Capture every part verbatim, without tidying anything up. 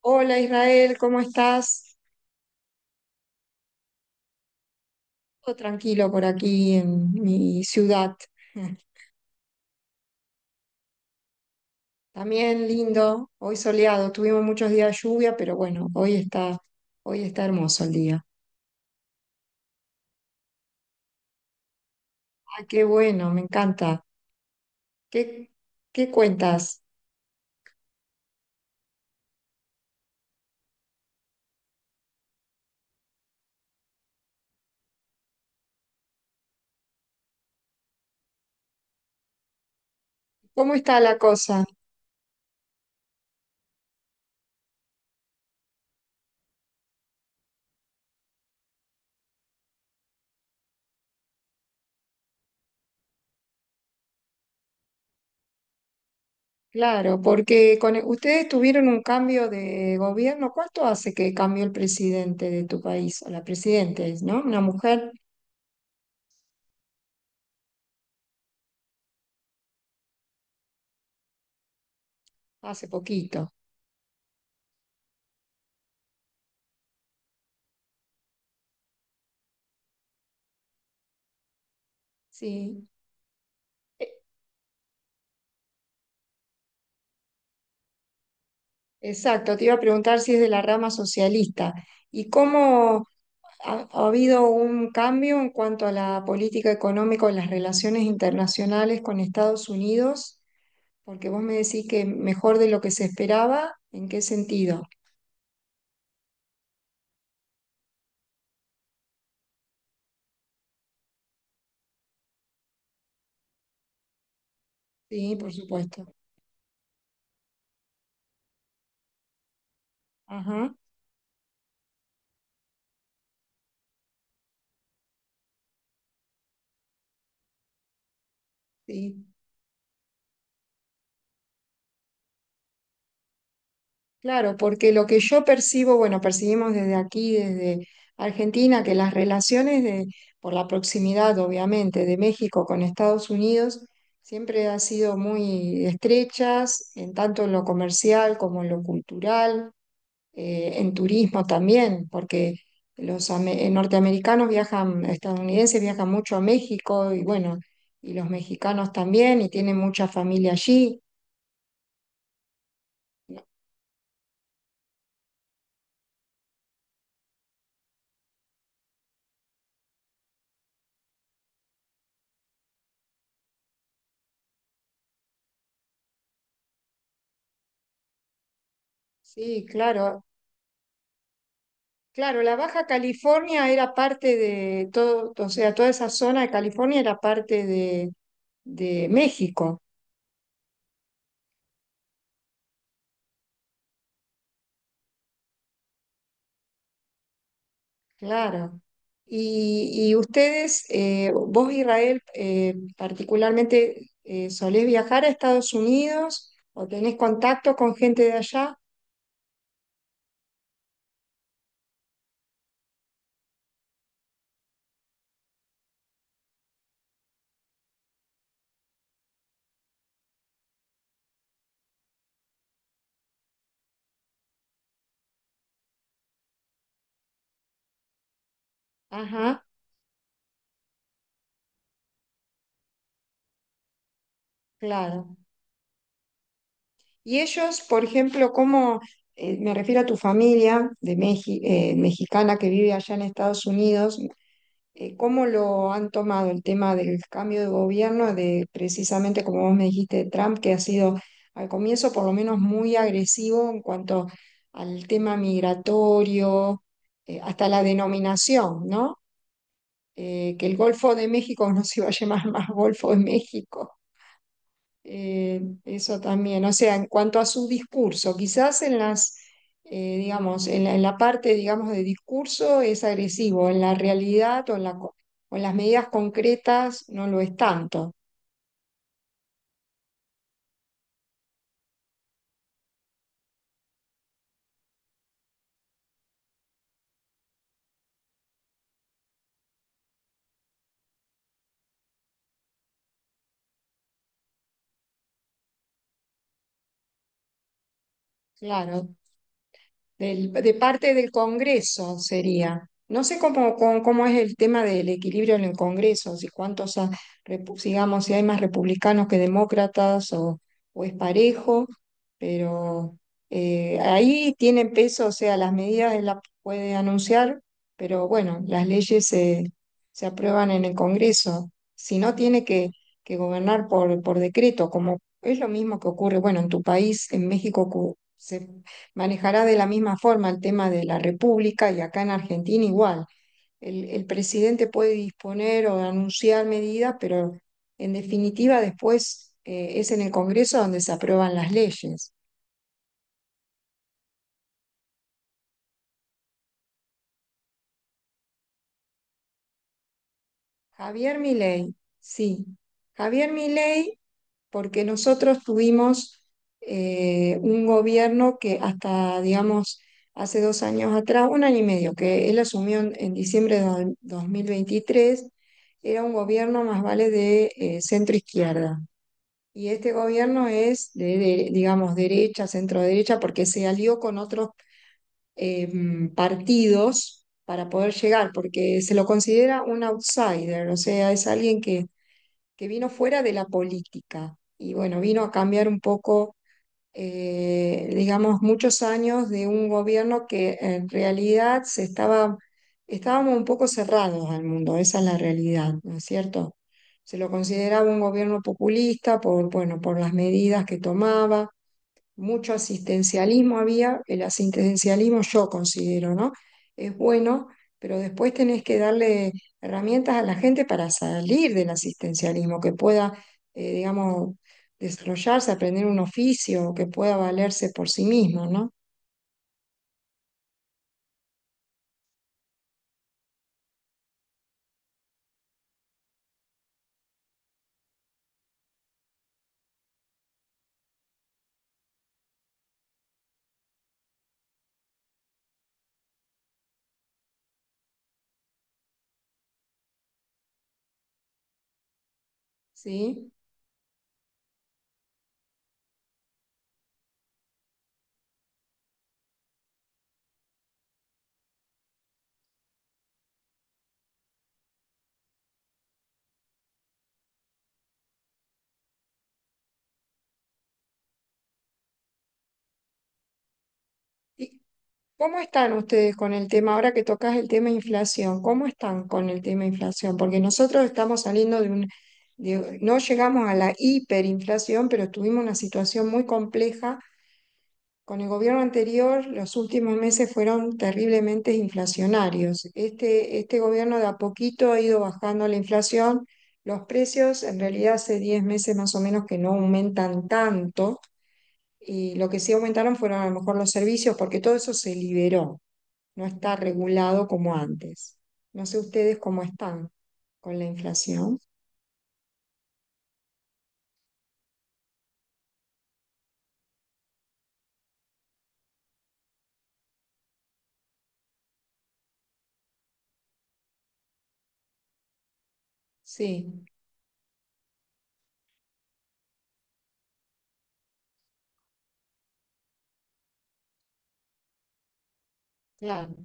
Hola Israel, ¿cómo estás? Todo tranquilo por aquí en mi ciudad. También lindo, hoy soleado. Tuvimos muchos días de lluvia, pero bueno, hoy está, hoy está hermoso el día. Ah, qué bueno, me encanta. ¿Qué, ¿qué cuentas? ¿Cómo está la cosa? Claro, porque con e, ustedes tuvieron un cambio de gobierno. ¿Cuánto hace que cambió el presidente de tu país? O la presidenta es, ¿no? Una mujer hace poquito. Sí. Eh, Exacto, te iba a preguntar si es de la rama socialista y cómo ha, ha habido un cambio en cuanto a la política económica o las relaciones internacionales con Estados Unidos, porque vos me decís que mejor de lo que se esperaba, ¿en qué sentido? Sí, por supuesto. Ajá, sí. Claro, porque lo que yo percibo, bueno, percibimos desde aquí, desde Argentina, que las relaciones de, por la proximidad, obviamente, de México con Estados Unidos siempre han sido muy estrechas, en tanto en lo comercial como en lo cultural, eh, en turismo también, porque los ame- eh, norteamericanos viajan, estadounidenses viajan mucho a México y bueno, y los mexicanos también, y tienen mucha familia allí. Sí, claro. Claro, la Baja California era parte de todo, o sea, toda esa zona de California era parte de, de México, claro. Y, y ustedes, eh, vos Israel, eh, particularmente, eh, ¿solés viajar a Estados Unidos o tenés contacto con gente de allá? Ajá, claro. Y ellos, por ejemplo, ¿cómo, eh, me refiero a tu familia de Meji- eh, mexicana que vive allá en Estados Unidos, eh, ¿cómo lo han tomado el tema del cambio de gobierno, de precisamente como vos me dijiste, Trump, que ha sido al comienzo por lo menos muy agresivo en cuanto al tema migratorio, eh, hasta la denominación, ¿no? Eh, que el Golfo de México no se iba a llamar más Golfo de México, eh, eso también, o sea, en cuanto a su discurso, quizás en las, eh, digamos, en la, en la parte, digamos, de discurso es agresivo, en la realidad o en la co- o en las medidas concretas no lo es tanto, claro. Del- de parte del Congreso sería. No sé cómo, cómo, cómo es el tema del equilibrio en el Congreso, si cuántos, ha- repu- digamos, si hay más republicanos que demócratas o, o es parejo, pero eh, ahí tienen peso, o sea, las medidas él las puede anunciar, pero bueno, las leyes se, se aprueban en el Congreso. Si no, tiene que, que gobernar por, por decreto, como es lo mismo que ocurre, bueno, en tu país, en México, cu- se manejará de la misma forma el tema de la República y acá en Argentina igual. El, el presidente puede disponer o anunciar medidas, pero en definitiva después eh, es en el Congreso donde se aprueban las leyes. Javier Milei, sí. Javier Milei porque nosotros tuvimos eh, un gobierno que hasta, digamos, hace dos años atrás, un año y medio, que él asumió en, en diciembre de do- dos mil veintitrés, era un gobierno más vale de eh, centro-izquierda. Y este gobierno es de, de- digamos, derecha, centro-derecha, porque se alió con otros eh, partidos para poder llegar, porque se lo considera un outsider, o sea, es alguien que que vino fuera de la política y bueno, vino a cambiar un poco, eh, digamos, muchos años de un gobierno que en realidad se estaba, estábamos un poco cerrados al mundo, esa es la realidad, ¿no es cierto? Se lo consideraba un gobierno populista por, bueno, por las medidas que tomaba mucho asistencialismo había, el asistencialismo yo considero, ¿no? Es bueno, pero después tenés que darle herramientas a la gente para salir del asistencialismo, que pueda, eh, digamos, desarrollarse, aprender un oficio, que pueda valerse por sí mismo, ¿no? ¿Sí? Y ¿cómo están ustedes con el tema, ahora que tocas el tema inflación? ¿Cómo están con el tema inflación? Porque nosotros estamos saliendo de un, de- no llegamos a la hiperinflación, pero tuvimos una situación muy compleja. Con el gobierno anterior, los últimos meses fueron terriblemente inflacionarios. Este, este gobierno de a poquito ha ido bajando la inflación. Los precios, en realidad, hace diez meses más o menos que no aumentan tanto. Y lo que sí aumentaron fueron a lo mejor los servicios, porque todo eso se liberó no está regulado como antes. No sé ustedes cómo están con la inflación. Sí, claro,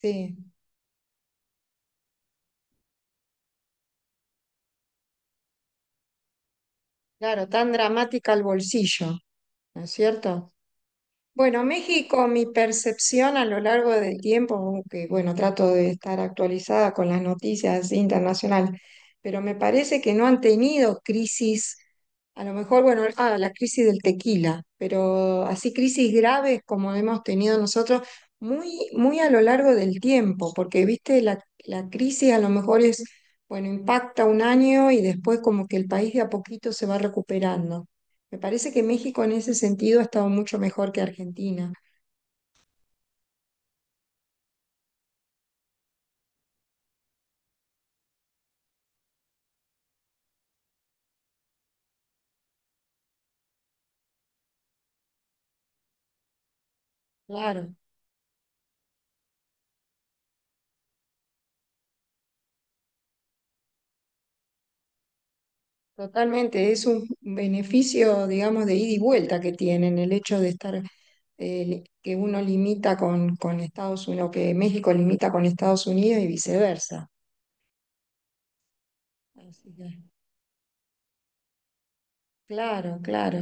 sí, claro, tan dramática el bolsillo, ¿no es cierto? Bueno, México, mi percepción a lo largo del tiempo, aunque bueno, trato de estar actualizada con las noticias internacionales, pero me parece que no han tenido crisis, a lo mejor, bueno, ah, la crisis del tequila, pero así crisis graves como hemos tenido nosotros, muy, muy a lo largo del tiempo, porque viste, la, la crisis a lo mejor es, bueno, impacta un año y después como que el país de a poquito se va recuperando. Me parece que México en ese sentido ha estado mucho mejor que Argentina. Claro, totalmente. Es un beneficio, digamos, de ida y vuelta que tienen el hecho de estar, eh, li- que uno limita con, con Estados Unidos, que México limita con Estados Unidos y viceversa. Así que, claro, claro.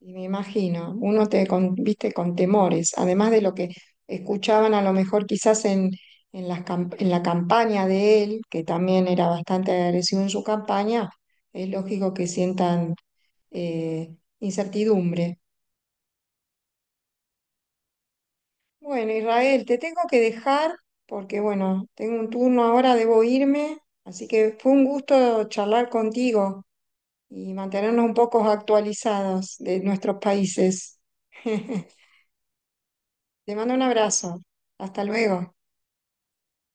Y me imagino, uno te con- viste con temores, además de lo que escuchaban a lo mejor quizás en, en las cam- en la campaña de él, que también era bastante agresivo en su campaña, es lógico que sientan eh, incertidumbre. Bueno, Israel, te tengo que dejar porque bueno, tengo un turno ahora, debo irme, así que fue un gusto charlar contigo y mantenernos un poco actualizados de nuestros países. Te mando un abrazo. Hasta luego.